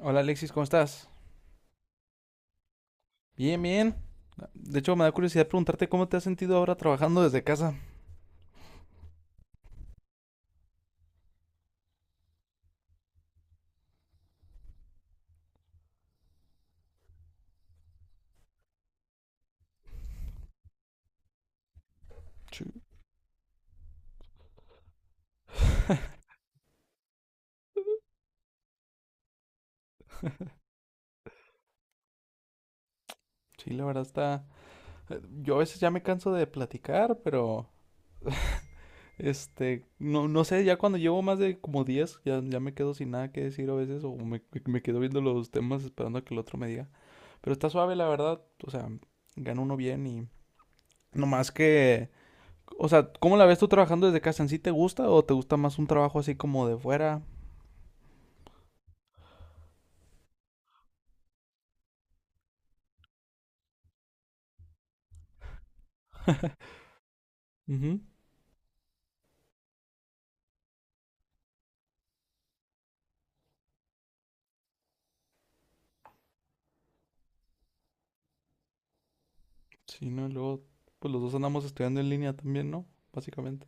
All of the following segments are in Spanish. Hola Alexis, ¿cómo estás? Bien, bien. De hecho, me da curiosidad preguntarte cómo te has sentido ahora trabajando desde casa. Sí. Sí, la verdad está... Yo a veces ya me canso de platicar, pero... Este, no, no sé, ya cuando llevo más de como 10, ya me quedo sin nada que decir a veces, o me quedo viendo los temas esperando a que el otro me diga. Pero está suave, la verdad. O sea, gana uno bien y... No más que... O sea, ¿cómo la ves tú trabajando desde casa? ¿En sí te gusta o te gusta más un trabajo así como de fuera? Ujú. Sí, ¿no? Y luego, pues los dos andamos estudiando en línea también, ¿no? Básicamente.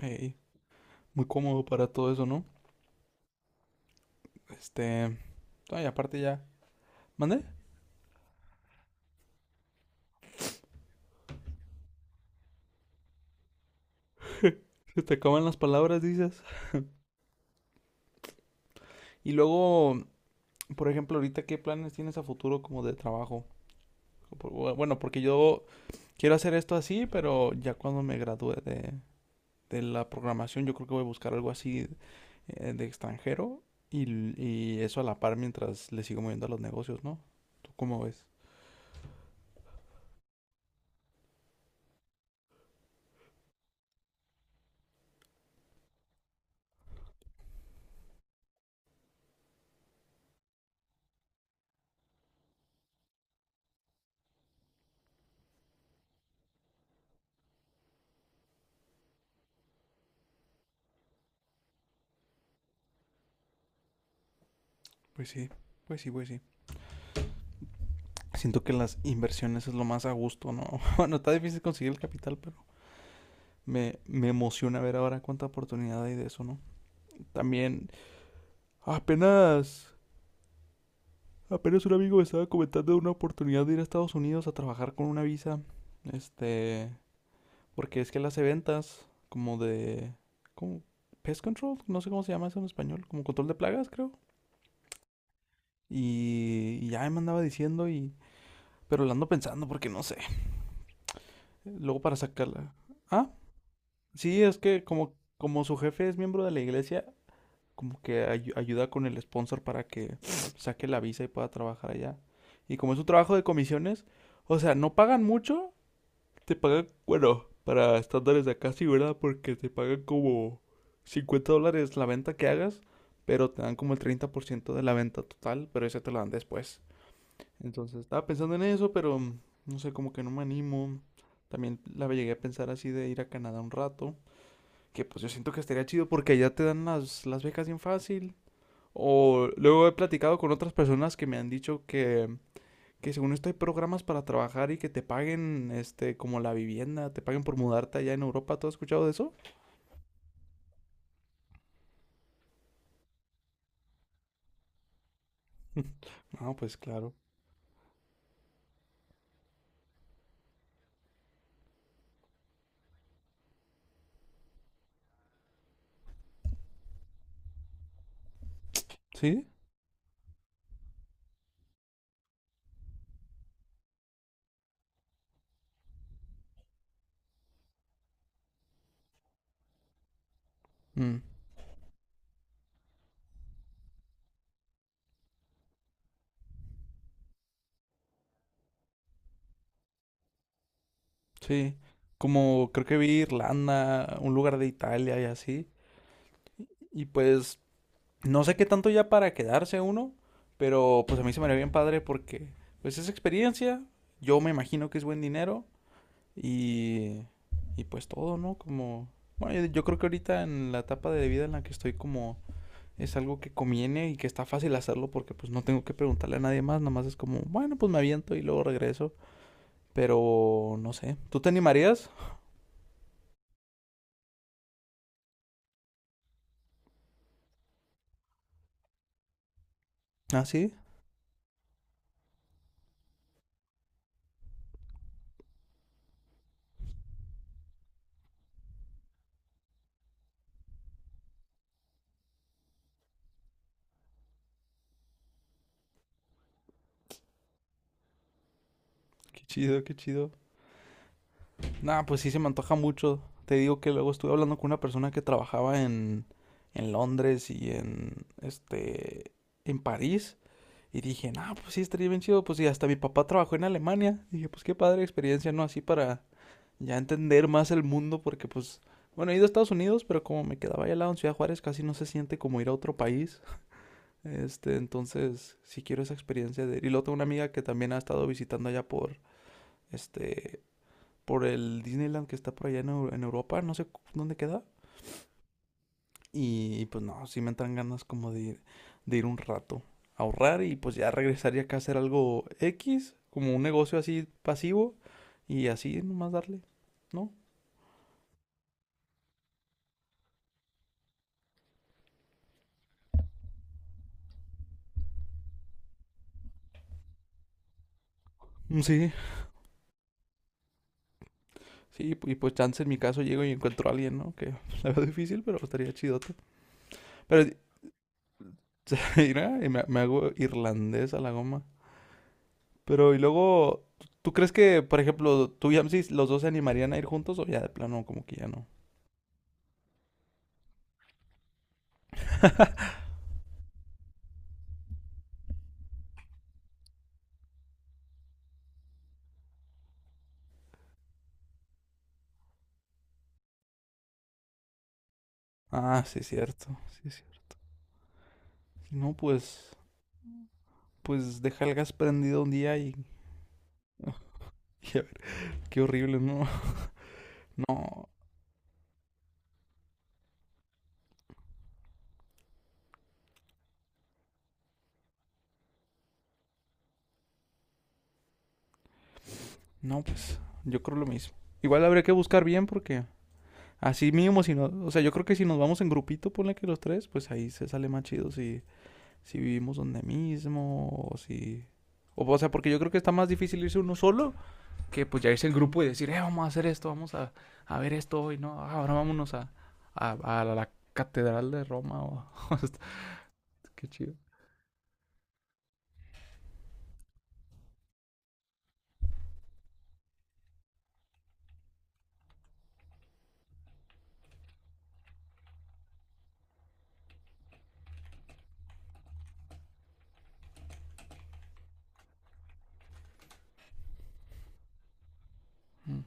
Ey, muy cómodo para todo eso, ¿no? Este... Ay, aparte ya... ¿Mande? Se te acaban las palabras, dices. Y luego, por ejemplo, ahorita, ¿qué planes tienes a futuro como de trabajo? Bueno, porque yo quiero hacer esto así, pero ya cuando me gradúe de la programación, yo creo que voy a buscar algo así de extranjero y, y eso a la par mientras le sigo moviendo a los negocios, ¿no? ¿Tú cómo ves? Pues sí, pues sí, pues sí. Siento que las inversiones es lo más a gusto, ¿no? Bueno, está difícil conseguir el capital, pero me emociona ver ahora cuánta oportunidad hay de eso, ¿no? También, apenas, apenas un amigo me estaba comentando de una oportunidad de ir a Estados Unidos a trabajar con una visa. Este, porque es que él hace ventas como como pest control, no sé cómo se llama eso en español, como control de plagas, creo. Y ya me andaba diciendo y, pero la ando pensando porque no sé. Luego para sacarla. ¿Ah? Sí, es que como, como su jefe es miembro de la iglesia, como que ayuda con el sponsor para que saque la visa y pueda trabajar allá. Y como es un trabajo de comisiones, o sea, no pagan mucho, te pagan, bueno, para estándares de acá sí, ¿verdad? Porque te pagan como $50 la venta que hagas, pero te dan como el 30% de la venta total, pero ese te lo dan después. Entonces estaba pensando en eso, pero no sé, como que no me animo. También la llegué a pensar así de ir a Canadá un rato. Que pues yo siento que estaría chido porque allá te dan las becas bien fácil. O luego he platicado con otras personas que me han dicho que según esto hay programas para trabajar y que te paguen este como la vivienda, te paguen por mudarte allá en Europa. ¿Tú has escuchado de eso? No, pues claro. ¿Sí? Mm, sí, como creo que vi Irlanda, un lugar de Italia y así. Y pues no sé qué tanto ya para quedarse uno, pero pues a mí se me haría bien padre porque pues es experiencia, yo me imagino que es buen dinero. Y, y pues todo, ¿no? Como, bueno, yo creo que ahorita en la etapa de vida en la que estoy como es algo que conviene y que está fácil hacerlo porque pues no tengo que preguntarle a nadie más, nomás es como, bueno, pues me aviento y luego regreso, pero no sé, ¿tú te animarías? Ah, sí, qué chido, qué chido. Nah, pues sí se me antoja mucho, te digo que luego estuve hablando con una persona que trabajaba en Londres y en, este, en París. Y dije, no, pues sí, estaría bien chido. Pues y hasta mi papá trabajó en Alemania. Dije, pues qué padre experiencia, ¿no? Así para ya entender más el mundo, porque pues, bueno, he ido a Estados Unidos, pero como me quedaba allá al lado en Ciudad Juárez, casi no se siente como ir a otro país. Este, entonces, sí quiero esa experiencia de... Y luego tengo una amiga que también ha estado visitando allá por, este, por el Disneyland que está por allá en Europa, no sé dónde queda. Y, pues no, sí me entran ganas como de ir un rato a ahorrar y pues ya regresaría acá a hacer algo X, como un negocio así pasivo y así nomás darle, ¿no? Sí, sí, y pues chance en mi caso llego y encuentro a alguien, ¿no? Que la veo difícil, pero estaría chidote. Pero mira, y me hago irlandés a la goma. Pero y luego, ¿tú crees que, por ejemplo, tú y Amsis, los dos se animarían a ir juntos o ya de plano como que ya no? Ah, sí, cierto, sí, cierto. No, pues pues deja el gas prendido un día y, oh, y a ver, qué horrible, no, no, no, pues yo creo lo mismo. Igual habría que buscar bien porque así mínimo, si no, o sea, yo creo que si nos vamos en grupito, ponle que los tres, pues ahí se sale más chido si, si vivimos donde mismo o si... O, o sea, porque yo creo que está más difícil irse uno solo que pues ya irse en grupo y decir, vamos a hacer esto, vamos a ver esto hoy, ¿no? Ah, Ahora vámonos a la catedral de Roma o... Qué chido. Mm.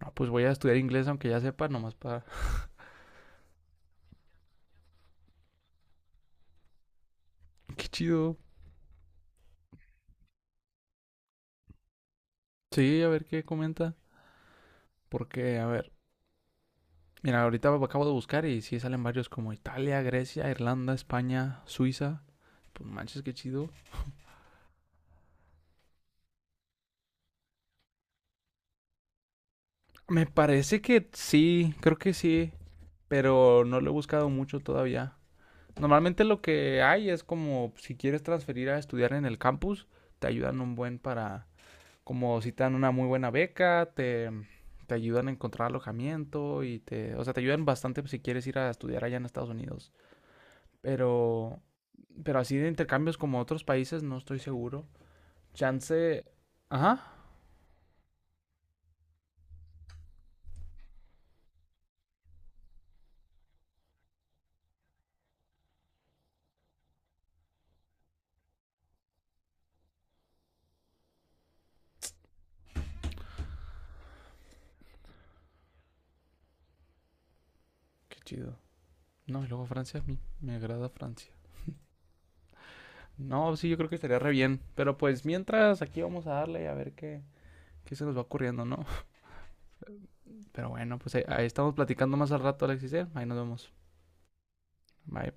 No, pues voy a estudiar inglés aunque ya sepa, nomás para... Qué chido. Sí, a ver qué comenta. Porque, a ver, mira, ahorita acabo de buscar y sí salen varios como Italia, Grecia, Irlanda, España, Suiza. Pues manches, qué chido. Me parece que sí, creo que sí, pero no lo he buscado mucho todavía. Normalmente lo que hay es como si quieres transferir a estudiar en el campus, te ayudan un buen para como si te dan una muy buena beca, te ayudan a encontrar alojamiento y te, o sea, te ayudan bastante si quieres ir a estudiar allá en Estados Unidos. Pero, pero así de intercambios como otros países no estoy seguro. Chance, ajá, qué chido. No, y luego Francia, a mí me agrada Francia. No, sí, yo creo que estaría re bien. Pero pues mientras aquí vamos a darle a ver qué, qué se nos va ocurriendo, ¿no? Pero bueno, pues ahí, ahí estamos platicando más al rato, Alexis. ¿Eh? Ahí nos vemos. Bye.